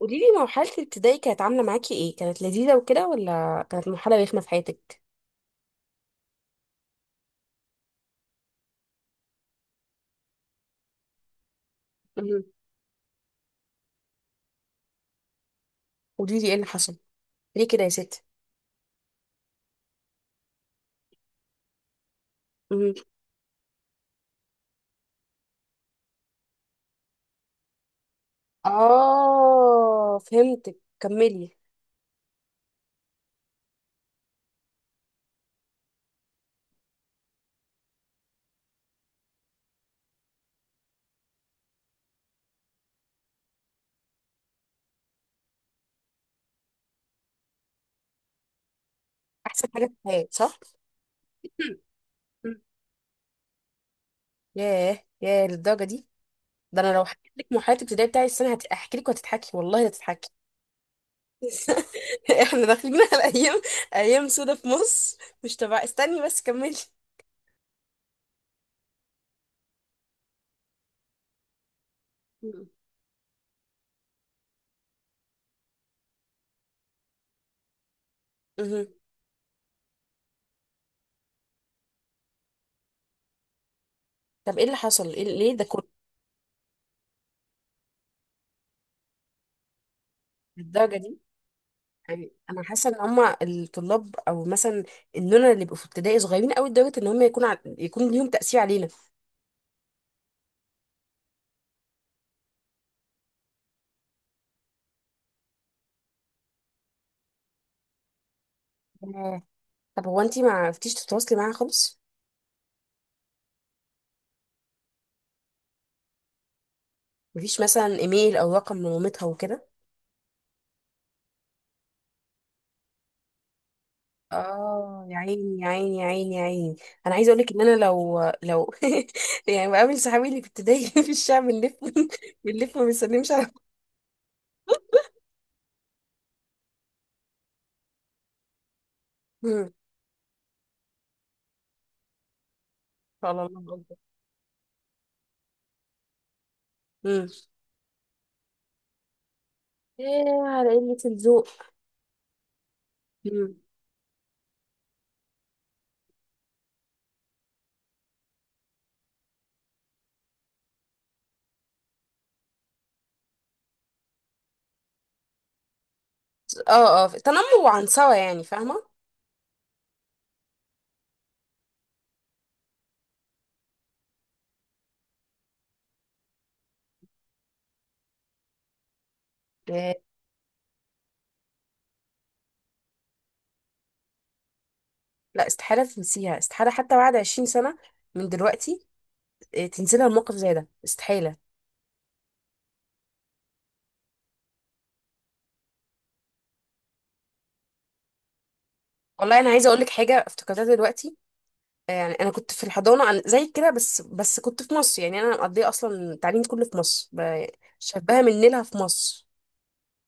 قولي لي مرحلة الابتدائي كانت عاملة معاكي ايه؟ كانت لذيذة وكده ولا كانت مرحلة رخمة في حياتك؟ مهم. قولي لي ايه اللي حصل؟ ليه كده يا ستي؟ مهم. اه، فهمتك، كملي. احسن حاجة في الحياة، صح؟ مهم. مهم. ياه ياه، للدرجة دي. ده انا لو حكيت لك مرحلة الابتدائي بتاعي السنة هحكي لك وهتضحكي، والله هتضحكي. احنا داخلين على ايام، ايام سودة في مصر. مش تبع، استني بس كملي. مهم. مهم. طب ايه اللي حصل؟ ليه ده كله؟ للدرجة دي؟ يعني انا حاسه ان هما الطلاب او مثلا اننا اللي بيبقوا في ابتدائي صغيرين قوي لدرجه ان هما يكون ليهم تاثير علينا. آه، طب هو انتي ما عرفتيش تتواصلي معاها خالص؟ مفيش مثلا ايميل او رقم لمامتها وكده؟ اه، يا عيني يا عيني يا عيني يا عيني. انا عايزه اقول لك ان انا لو يعني بقابل صحابي اللي في ابتدائي في الشارع بنلف، بنلف ما بنسلمش على. مم. على الله اكبر. مم. ايه على قله الذوق! مم. اه، اه، تنمر وعنصرة يعني، فاهمه. لا، استحالة تنسيها، استحالة حتى بعد 20 سنة من دلوقتي. آه، تنسينا الموقف زي ده استحالة. والله أنا عايزة أقولك حاجة افتكرتها دلوقتي. آه، يعني أنا كنت في الحضانة أنا زي كده، بس كنت في مصر. يعني أنا مقضية أصلا تعليمي كله في مصر شبهها من نيلها في مصر.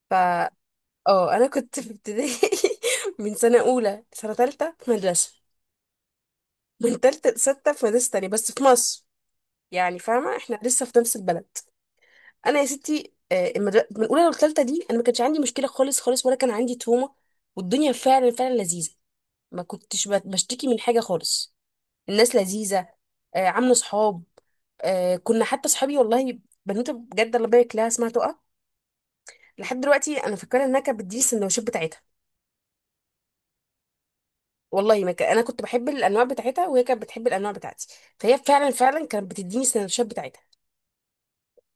ف اه أنا كنت في ابتدائي، من سنة أولى سنة تالتة في مدرسة، من تالتة لستة في مدرسة تانية بس في مصر. يعني فاهمة احنا لسه في نفس البلد. انا يا ستي، آه، من الاولى للثالثه دي انا ما كانش عندي مشكله خالص خالص، ولا كان عندي تومه. والدنيا فعلا فعلا لذيذه. ما كنتش بشتكي من حاجه خالص. الناس لذيذه. آه، عامله صحاب. آه، كنا حتى صحابي، والله. بنوته بجد الله يبارك لها اسمها تقى. لحد دلوقتي انا فاكره انها كانت بتديني السندوتشات بتاعتها. والله ما كان، انا كنت بحب الانواع بتاعتها، وهي كانت بتحب الانواع بتاعتي. فهي فعلا فعلا كانت بتديني السندوتشات بتاعتها.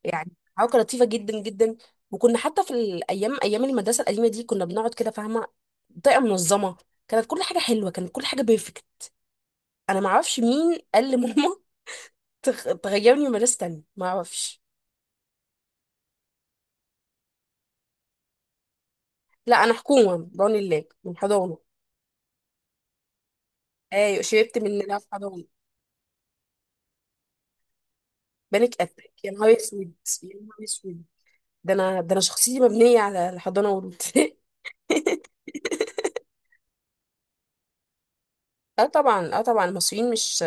يعني حاجه كانت لطيفه جدا جدا. وكنا حتى في الايام، ايام المدرسه القديمه دي، كنا بنقعد كده، فاهمه، بطريقه منظمه. كانت كل حاجه حلوه، كانت كل حاجه بيرفكت. انا ما اعرفش مين قال لماما تغيرني مدرسه تانية، ما اعرفش. لا انا حكومه بعون الله من حضانه. ايوه شربت من اللي في حضانه. بانيك اتاك، يا نهار اسود. يا نهار اسود! ده انا شخصيتي مبنيه على الحضانه والابتدائي. اه طبعا، اه طبعا، المصريين مش.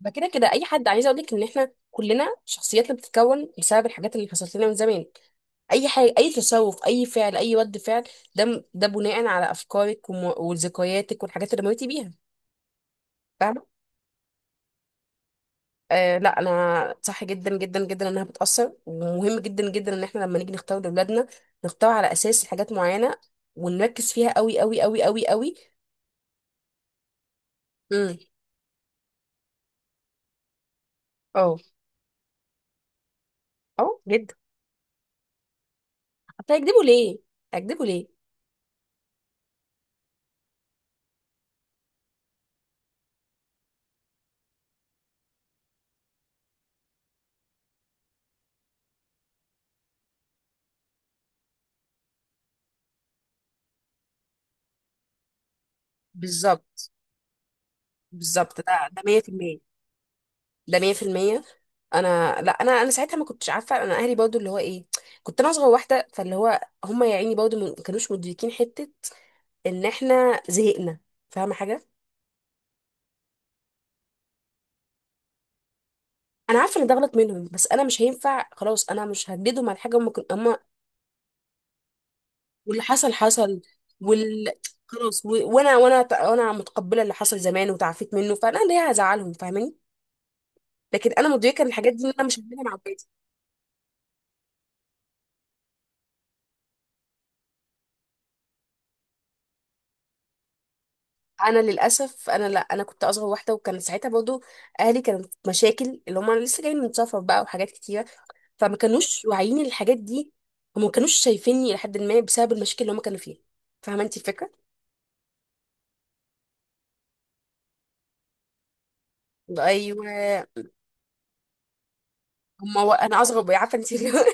ده كده كده اي حد، عايز اقول لك ان احنا كلنا شخصياتنا بتتكون بسبب الحاجات اللي حصلت لنا من زمان. اي حاجه، اي تصرف، اي فعل، اي رد فعل، ده بناء على افكارك وذكرياتك والحاجات اللي مريتي بيها، فاهمه؟ آه، لا، انا صح جدا جدا جدا انها بتاثر، ومهم جدا جدا ان احنا لما نيجي نختار لاولادنا، نختار على اساس حاجات معينه، ونركز فيها قوي قوي قوي قوي قوي. امم. اه، اه جدا. هتكذبوا ليه؟ هتكذبوا ليه؟ بالظبط، بالظبط، ده 100%. ده 100%. انا، لا، انا ساعتها ما كنتش عارفه. انا اهلي برضو اللي هو ايه؟ كنت انا اصغر واحده، فاللي هو هم يا عيني برضو ما كانوش مدركين حته ان احنا زهقنا، فاهمه حاجه؟ انا عارفه ان ده غلط منهم، بس انا مش هينفع، خلاص، انا مش هجددهم على حاجه. هم. واللي حصل حصل. وال خلاص وانا وانا متقبله اللي حصل زمان، وتعافيت منه، فانا ليه هزعلهم، فاهماني؟ لكن انا مدركه ان الحاجات دي، إن انا مش هعملها مع. انا للاسف، انا، لا، انا كنت اصغر واحده، وكان ساعتها برضو اهلي كانت مشاكل، اللي هم لسه جايين من سفر بقى وحاجات كتيره، فما كانوش واعيين الحاجات دي، وما كانوش شايفيني لحد ما، بسبب المشاكل اللي هم كانوا فيها. فاهمه انت الفكره؟ ايوه. انا اصغر، عارفه انت، اللي هو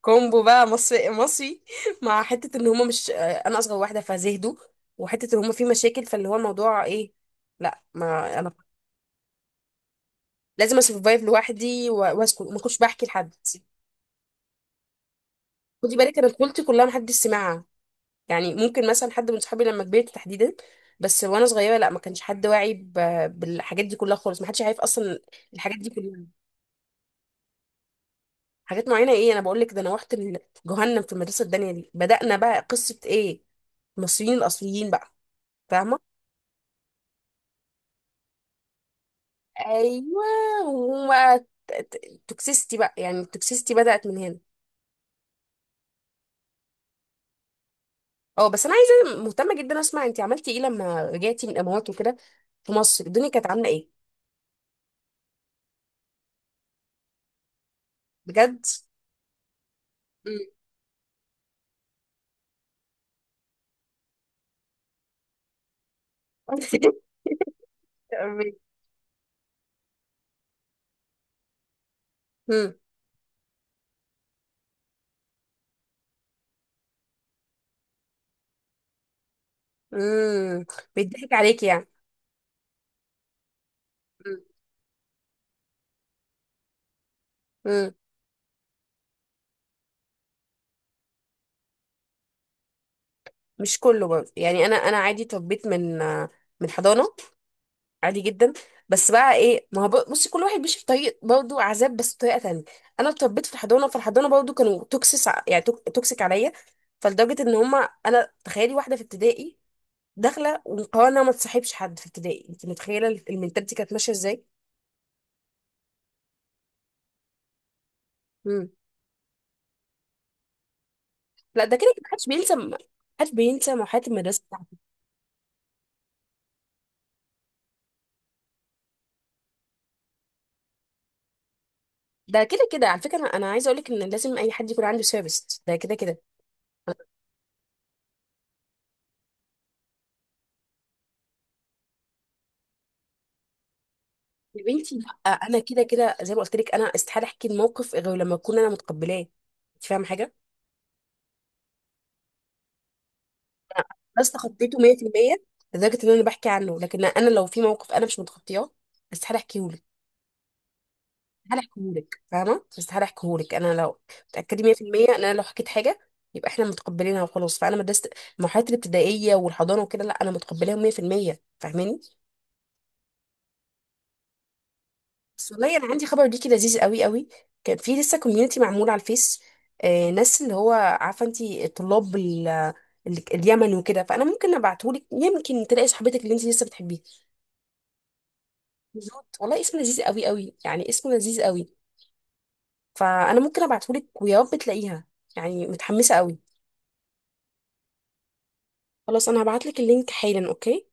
كومبو بقى، مصري مصري، مع حته ان هم، مش انا اصغر واحده فزهدوا، وحته ان هم في مشاكل، فاللي هو الموضوع ايه؟ لا، ما انا لازم اسرفايف لوحدي واسكت، وما كنتش بحكي لحد. خدي بالك انا طفولتي كلها محدش سمعها. يعني ممكن مثلا حد من صحابي لما كبرت تحديدا، بس وانا صغيره لا ما كانش حد واعي بالحاجات دي كلها خالص. ما حدش عارف اصلا الحاجات دي كلها. حاجات معينه ايه، انا بقول لك ده انا رحت جهنم في المدرسه. الدنيا دي بدأنا بقى قصه ايه؟ المصريين الاصليين بقى، فاهمه؟ ايوه. وبقى توكسيستي بقى، يعني التوكسيستي بدأت من هنا. اه. بس انا عايزه مهتمه جدا اسمع، انت عملتي ايه لما رجعتي من الامارات وكده؟ في مصر الدنيا كانت عامله ايه؟ بجد. مم. مم. بيضحك عليك يعني. مم. مم. مش كله برضه، يعني انا عادي اتربيت من، آه، من حضانه، عادي جدا. بس بقى ايه، ما هو بصي كل واحد بيمشي في طريق، برضه عذاب بس بطريقه تانية. انا اتربيت في الحضانه، فالحضانه برضه كانوا توكسيس، يعني توكسيك عليا. فلدرجه ان هما، انا تخيلي واحده في ابتدائي داخله ومقررة انها ما تصاحبش حد في ابتدائي. انت متخيله المنتاليتي كانت ماشيه ازاي؟ مم. لا، ده كده ما حدش بينسى، ما حدش بينسى محاضرات المدرسه. ده كده كده على فكره، انا عايزه اقول لك ان لازم اي حد يكون عنده سيرفيس. ده كده كده. يا بنتي، آه، انا كده كده زي ما قلت لك، انا استحاله احكي الموقف غير لما اكون انا متقبلاه، انت فاهمه حاجه؟ بس تخطيته 100%، لدرجه ان انا بحكي عنه، لكن انا لو في موقف انا مش متخطياه استحاله احكيه لك. استحاله احكيه لك، فاهمه، استحاله احكيه لك. انا لو متاكده 100% ان انا لو حكيت حاجه يبقى احنا متقبلينها، وخلاص. فانا مدرسه المرحله الابتدائيه والحضانه وكده، لا، انا متقبلاهم 100%، فاهماني؟ بس والله انا عندي خبر ليكي لذيذ قوي قوي. كان في لسه كوميونتي معمول على الفيس. آه، ناس اللي هو عارفه انت، طلاب اليمن وكده، فانا ممكن ابعتهولك، يمكن تلاقي صاحبتك اللي انت لسه بتحبيها. جود، والله اسم لذيذ قوي قوي، يعني اسمه لذيذ قوي. فانا ممكن ابعتهولك ويا رب تلاقيها. يعني متحمسه قوي. خلاص، انا هبعتلك اللينك حالا. اوكي.